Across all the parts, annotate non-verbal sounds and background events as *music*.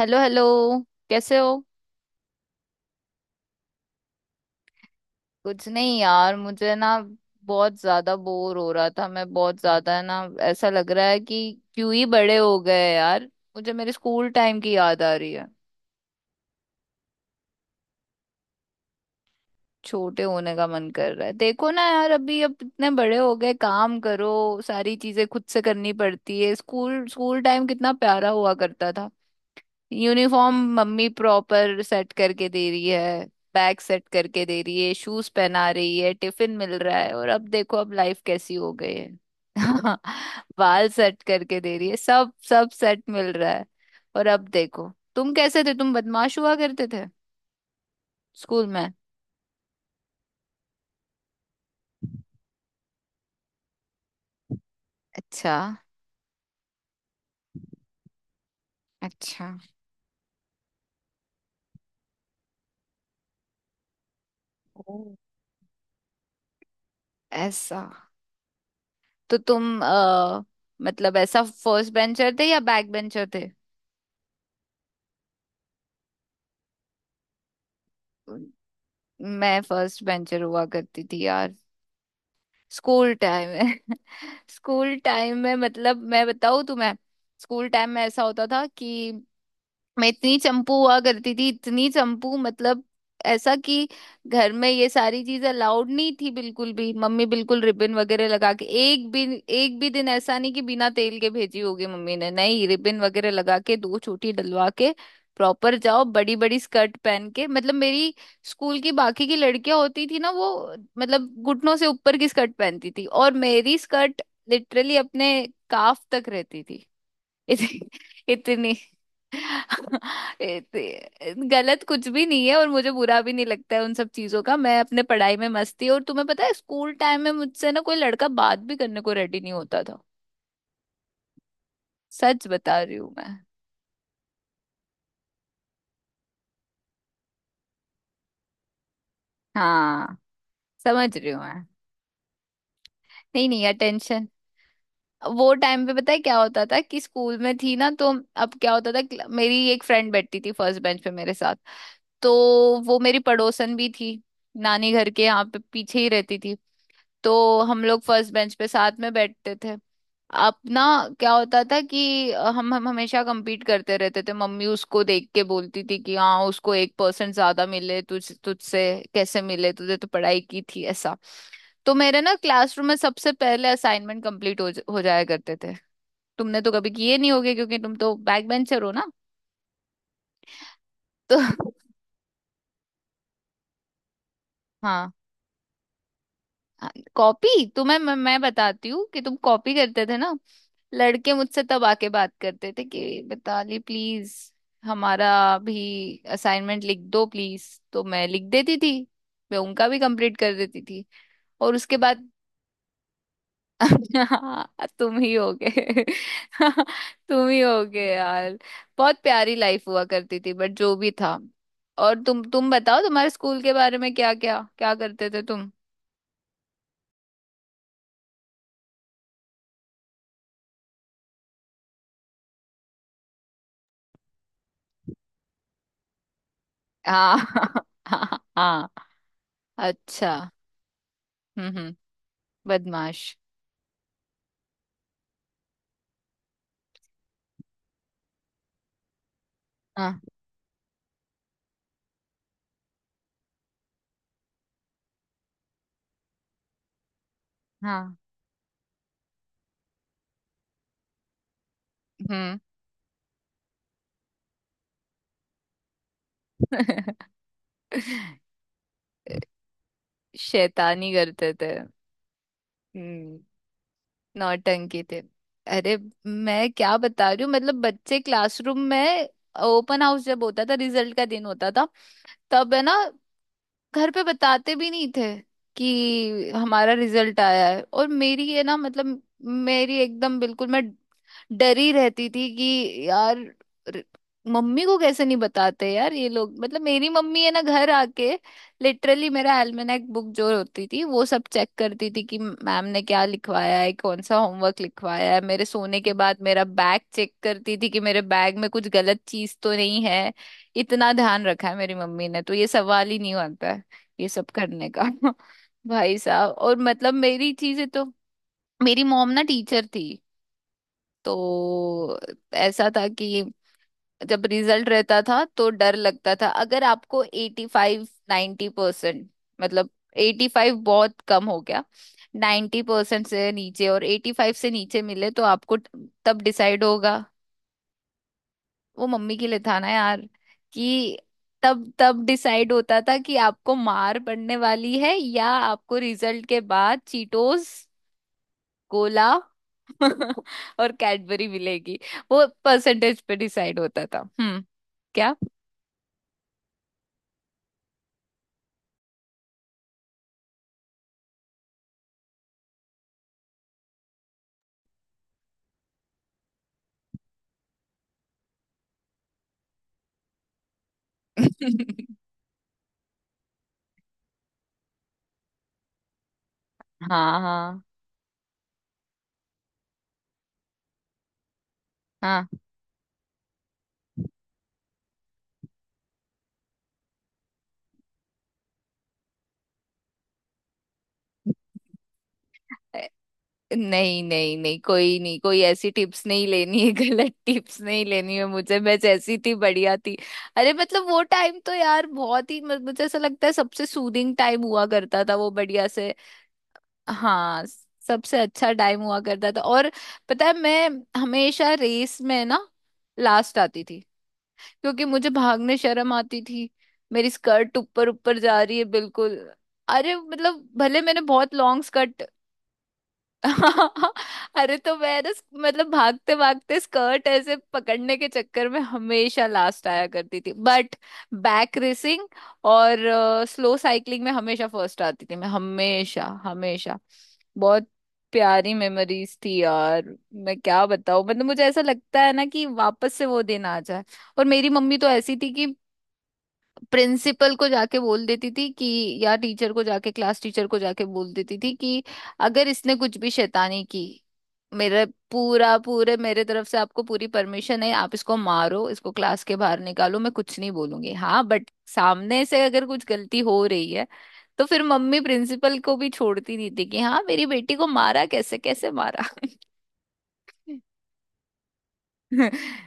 Hello hello. कैसे हो? कुछ नहीं यार, मुझे ना बहुत ज्यादा बोर हो रहा था। मैं बहुत ज्यादा ना, ऐसा लग रहा है कि क्यों ही बड़े हो गए यार। मुझे मेरे स्कूल टाइम की याद आ रही है। छोटे होने का मन कर रहा है, देखो ना यार अभी, अब इतने बड़े हो गए, काम करो, सारी चीजें खुद से करनी पड़ती है। स्कूल स्कूल टाइम कितना प्यारा हुआ करता था। यूनिफॉर्म मम्मी प्रॉपर सेट करके दे रही है, बैग सेट करके दे रही है, शूज पहना रही है, टिफिन मिल रहा है, और अब देखो अब लाइफ कैसी हो गई है। *laughs* बाल सेट करके दे रही है, सब सब सेट मिल रहा है। और अब देखो, तुम कैसे थे, तुम बदमाश हुआ करते थे स्कूल में। अच्छा। अच्छा। ओ। ऐसा। तो तुम मतलब ऐसा फर्स्ट बेंचर थे या बैक बेंचर थे? मैं फर्स्ट बेंचर हुआ करती थी यार। स्कूल टाइम है। *laughs* स्कूल टाइम में मतलब मैं बताऊँ तुम्हें, स्कूल टाइम में ऐसा होता था कि मैं इतनी चंपू हुआ करती थी, इतनी चंपू मतलब, ऐसा कि घर में ये सारी चीजें अलाउड नहीं थी बिल्कुल भी। मम्मी बिल्कुल रिबन वगैरह लगा के, एक भी दिन ऐसा नहीं कि बिना तेल के भेजी होगी मम्मी ने। नहीं, रिबन वगैरह लगा के, दो चोटी डलवा के प्रॉपर जाओ। बड़ी बड़ी स्कर्ट पहन के, मतलब मेरी स्कूल की बाकी की लड़कियां होती थी ना वो, मतलब घुटनों से ऊपर की स्कर्ट पहनती थी, और मेरी स्कर्ट लिटरली अपने काफ तक रहती। *laughs* इत, इतनी इत, गलत कुछ भी नहीं है, और मुझे बुरा भी नहीं लगता है उन सब चीजों का। मैं अपने पढ़ाई में मस्त थी, और तुम्हें पता है स्कूल टाइम में मुझसे ना कोई लड़का बात भी करने को रेडी नहीं होता था। सच बता रही हूँ मैं। हाँ, समझ रही हूँ मैं। नहीं नहीं, अटेंशन वो टाइम पे, पता है क्या होता था कि स्कूल में थी ना तो, अब क्या होता था कि मेरी एक फ्रेंड बैठती थी फर्स्ट बेंच पे मेरे साथ, तो वो मेरी पड़ोसन भी थी, नानी घर के यहाँ पे पीछे ही रहती थी। तो हम लोग फर्स्ट बेंच पे साथ में बैठते थे अपना। क्या होता था कि हम हमेशा compete करते रहते थे। मम्मी उसको देख के बोलती थी कि हाँ, उसको 1% ज्यादा मिले तुझसे कैसे मिले, तुझे तो पढ़ाई की थी ऐसा। तो मेरे ना क्लासरूम में सबसे पहले असाइनमेंट हो जाया करते थे। तुमने तो कभी किए नहीं होगे, क्योंकि तुम तो बैक बेंचर हो ना। तो *laughs* हाँ, कॉपी तुम्हें मैं बताती हूँ कि तुम कॉपी करते थे ना। लड़के मुझसे तब आके बात करते थे कि मिताली प्लीज, हमारा भी असाइनमेंट लिख दो प्लीज। तो मैं लिख देती थी, मैं उनका भी कंप्लीट कर देती थी। और उसके बाद, *laughs* हाँ, तुम ही हो गए। *laughs* तुम ही हो गए यार। बहुत प्यारी लाइफ हुआ करती थी, बट जो भी था। और तुम बताओ, तुम्हारे स्कूल के बारे में, क्या क्या क्या करते थे तुम? हाँ। *laughs* हाँ। अच्छा। हम्म। बदमाश। हाँ हाँ। हम्म। *laughs* शैतानी करते थे। हम्म। नौटंकी थे। अरे, मैं क्या बता रही हूँ मतलब, बच्चे क्लासरूम में, ओपन हाउस जब होता था, रिजल्ट का दिन होता था तब है ना, घर पे बताते भी नहीं थे कि हमारा रिजल्ट आया है। और मेरी ये ना मतलब, मेरी एकदम बिल्कुल, मैं डरी रहती थी कि यार, र- मम्मी को कैसे नहीं बताते यार ये लोग। मतलब मेरी मम्मी है ना, घर आके लिटरली मेरा एल्मेनाक बुक जो होती थी वो सब चेक करती थी कि मैम ने क्या लिखवाया है, कौन सा होमवर्क लिखवाया है। मेरे सोने के बाद मेरा बैग चेक करती थी कि मेरे बैग में कुछ गलत चीज तो नहीं है। इतना ध्यान रखा है मेरी मम्मी ने, तो ये सवाल ही नहीं आता है ये सब करने का। *laughs* भाई साहब, और मतलब मेरी चीजें तो, मेरी मॉम ना टीचर थी, तो ऐसा था कि जब रिजल्ट रहता था तो डर लगता था। अगर आपको 85, 90%, मतलब 85 बहुत कम हो गया, 90% से नीचे और 85 से नीचे मिले, तो आपको तब डिसाइड होगा। वो मम्मी के लिए था ना यार, कि तब तब डिसाइड होता था कि आपको मार पड़ने वाली है, या आपको रिजल्ट के बाद चीटोस, कोला *laughs* और कैडबरी मिलेगी। वो परसेंटेज पे डिसाइड होता था। हम्म। क्या। हाँ हाँ हाँ। नहीं नहीं नहीं, कोई नहीं, कोई ऐसी टिप्स नहीं लेनी है, गलत टिप्स नहीं लेनी है मुझे। मैं जैसी थी बढ़िया थी। अरे मतलब वो टाइम तो यार बहुत ही मुझे ऐसा लगता है सबसे सूदिंग टाइम हुआ करता था वो, बढ़िया से। हाँ, सबसे अच्छा टाइम हुआ करता था। और पता है, मैं हमेशा रेस में ना लास्ट आती थी, क्योंकि मुझे भागने शर्म आती थी, मेरी स्कर्ट ऊपर ऊपर जा रही है बिल्कुल। अरे मतलब भले मैंने बहुत लॉन्ग स्कर्ट, *laughs* अरे, तो मैं ना, मतलब भागते भागते स्कर्ट ऐसे पकड़ने के चक्कर में हमेशा लास्ट आया करती थी, बट बैक रेसिंग और स्लो साइकिलिंग में हमेशा फर्स्ट आती थी मैं, हमेशा हमेशा। बहुत प्यारी मेमोरीज थी यार, मैं क्या बताऊं मतलब। मुझे ऐसा लगता है ना कि वापस से वो दिन आ जाए। और मेरी मम्मी तो ऐसी थी कि प्रिंसिपल को जाके बोल देती थी कि, या टीचर को जाके, क्लास टीचर को जाके बोल देती थी कि अगर इसने कुछ भी शैतानी की मेरे, पूरा पूरे मेरे तरफ से आपको पूरी परमिशन है, आप इसको मारो, इसको क्लास के बाहर निकालो, मैं कुछ नहीं बोलूंगी। हाँ बट सामने से अगर कुछ गलती हो रही है तो फिर मम्मी प्रिंसिपल को भी छोड़ती नहीं थी कि हाँ, मेरी बेटी को मारा कैसे, कैसे मारा। *laughs*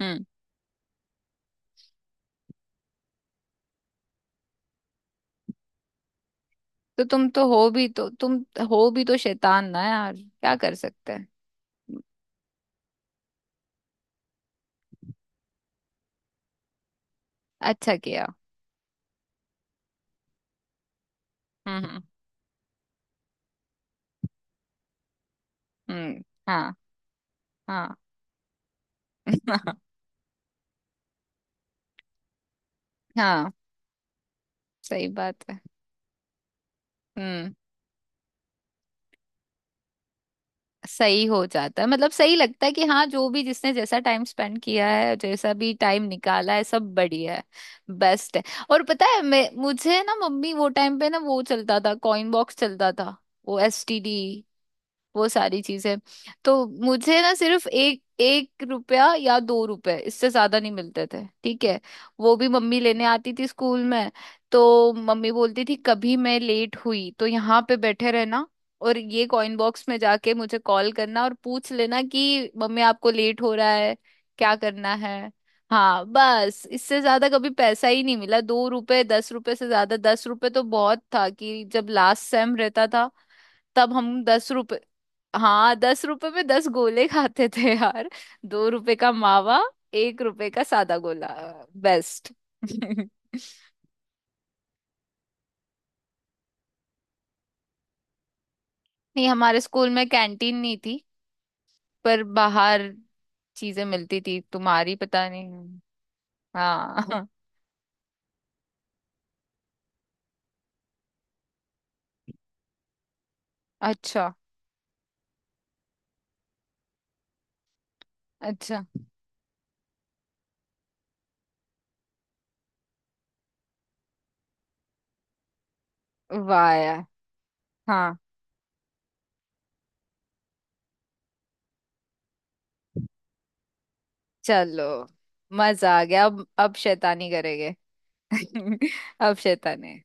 हम्म। तो तुम तो हो भी तो, तुम हो भी तो शैतान ना यार, क्या कर सकते हैं। अच्छा किया। हम्म। हम्म, हाँ। हाँ। *laughs* हाँ। सही बात है। हम्म। सही हो जाता है, मतलब सही लगता है कि हाँ, जो भी जिसने जैसा टाइम स्पेंड किया है, जैसा भी टाइम निकाला है, सब बढ़िया है। बेस्ट है। और पता है, मैं, मुझे ना मम्मी वो टाइम पे ना, वो चलता था कॉइन बॉक्स चलता था, वो एसटीडी, वो सारी चीजें, तो मुझे ना सिर्फ 1-1 रुपया या 2 रुपए, इससे ज्यादा नहीं मिलते थे। ठीक है, वो भी मम्मी लेने आती थी स्कूल में। तो मम्मी बोलती थी कभी मैं लेट हुई तो यहाँ पे बैठे रहना, और ये कॉइन बॉक्स में जाके मुझे कॉल करना और पूछ लेना कि मम्मी आपको लेट हो रहा है, क्या करना है। हाँ, बस इससे ज्यादा कभी पैसा ही नहीं मिला। 2 रुपए, 10 रुपए से ज्यादा, 10 रुपए तो बहुत था कि जब लास्ट सेम रहता था, तब हम 10 रुपए, हाँ 10 रुपए में 10 गोले खाते थे यार। 2 रुपए का मावा, 1 रुपए का सादा गोला। बेस्ट। *laughs* नहीं, हमारे स्कूल में कैंटीन नहीं थी, पर बाहर चीजें मिलती थी। तुम्हारी पता नहीं। हाँ। *laughs* अच्छा। अच्छा। वाह यार। हाँ। चलो, मजा आ गया, अब शैतानी करेंगे। *laughs* अब शैतानी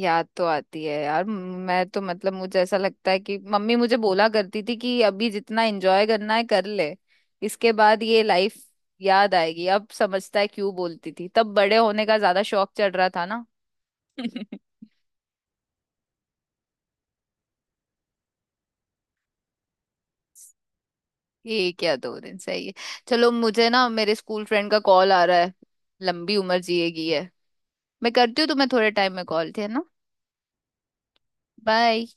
याद तो आती है यार। मैं तो मतलब, मुझे ऐसा लगता है कि मम्मी मुझे बोला करती थी कि अभी जितना एंजॉय करना है कर ले, इसके बाद ये लाइफ याद आएगी। अब समझता है क्यों बोलती थी, तब बड़े होने का ज्यादा शौक चढ़ रहा था ना। *laughs* एक या दो दिन सही है। चलो, मुझे ना मेरे स्कूल फ्रेंड का कॉल आ रहा है। लंबी उम्र जिएगी है। मैं करती हूँ तुम्हें थोड़े टाइम में कॉल, थे ना। बाय।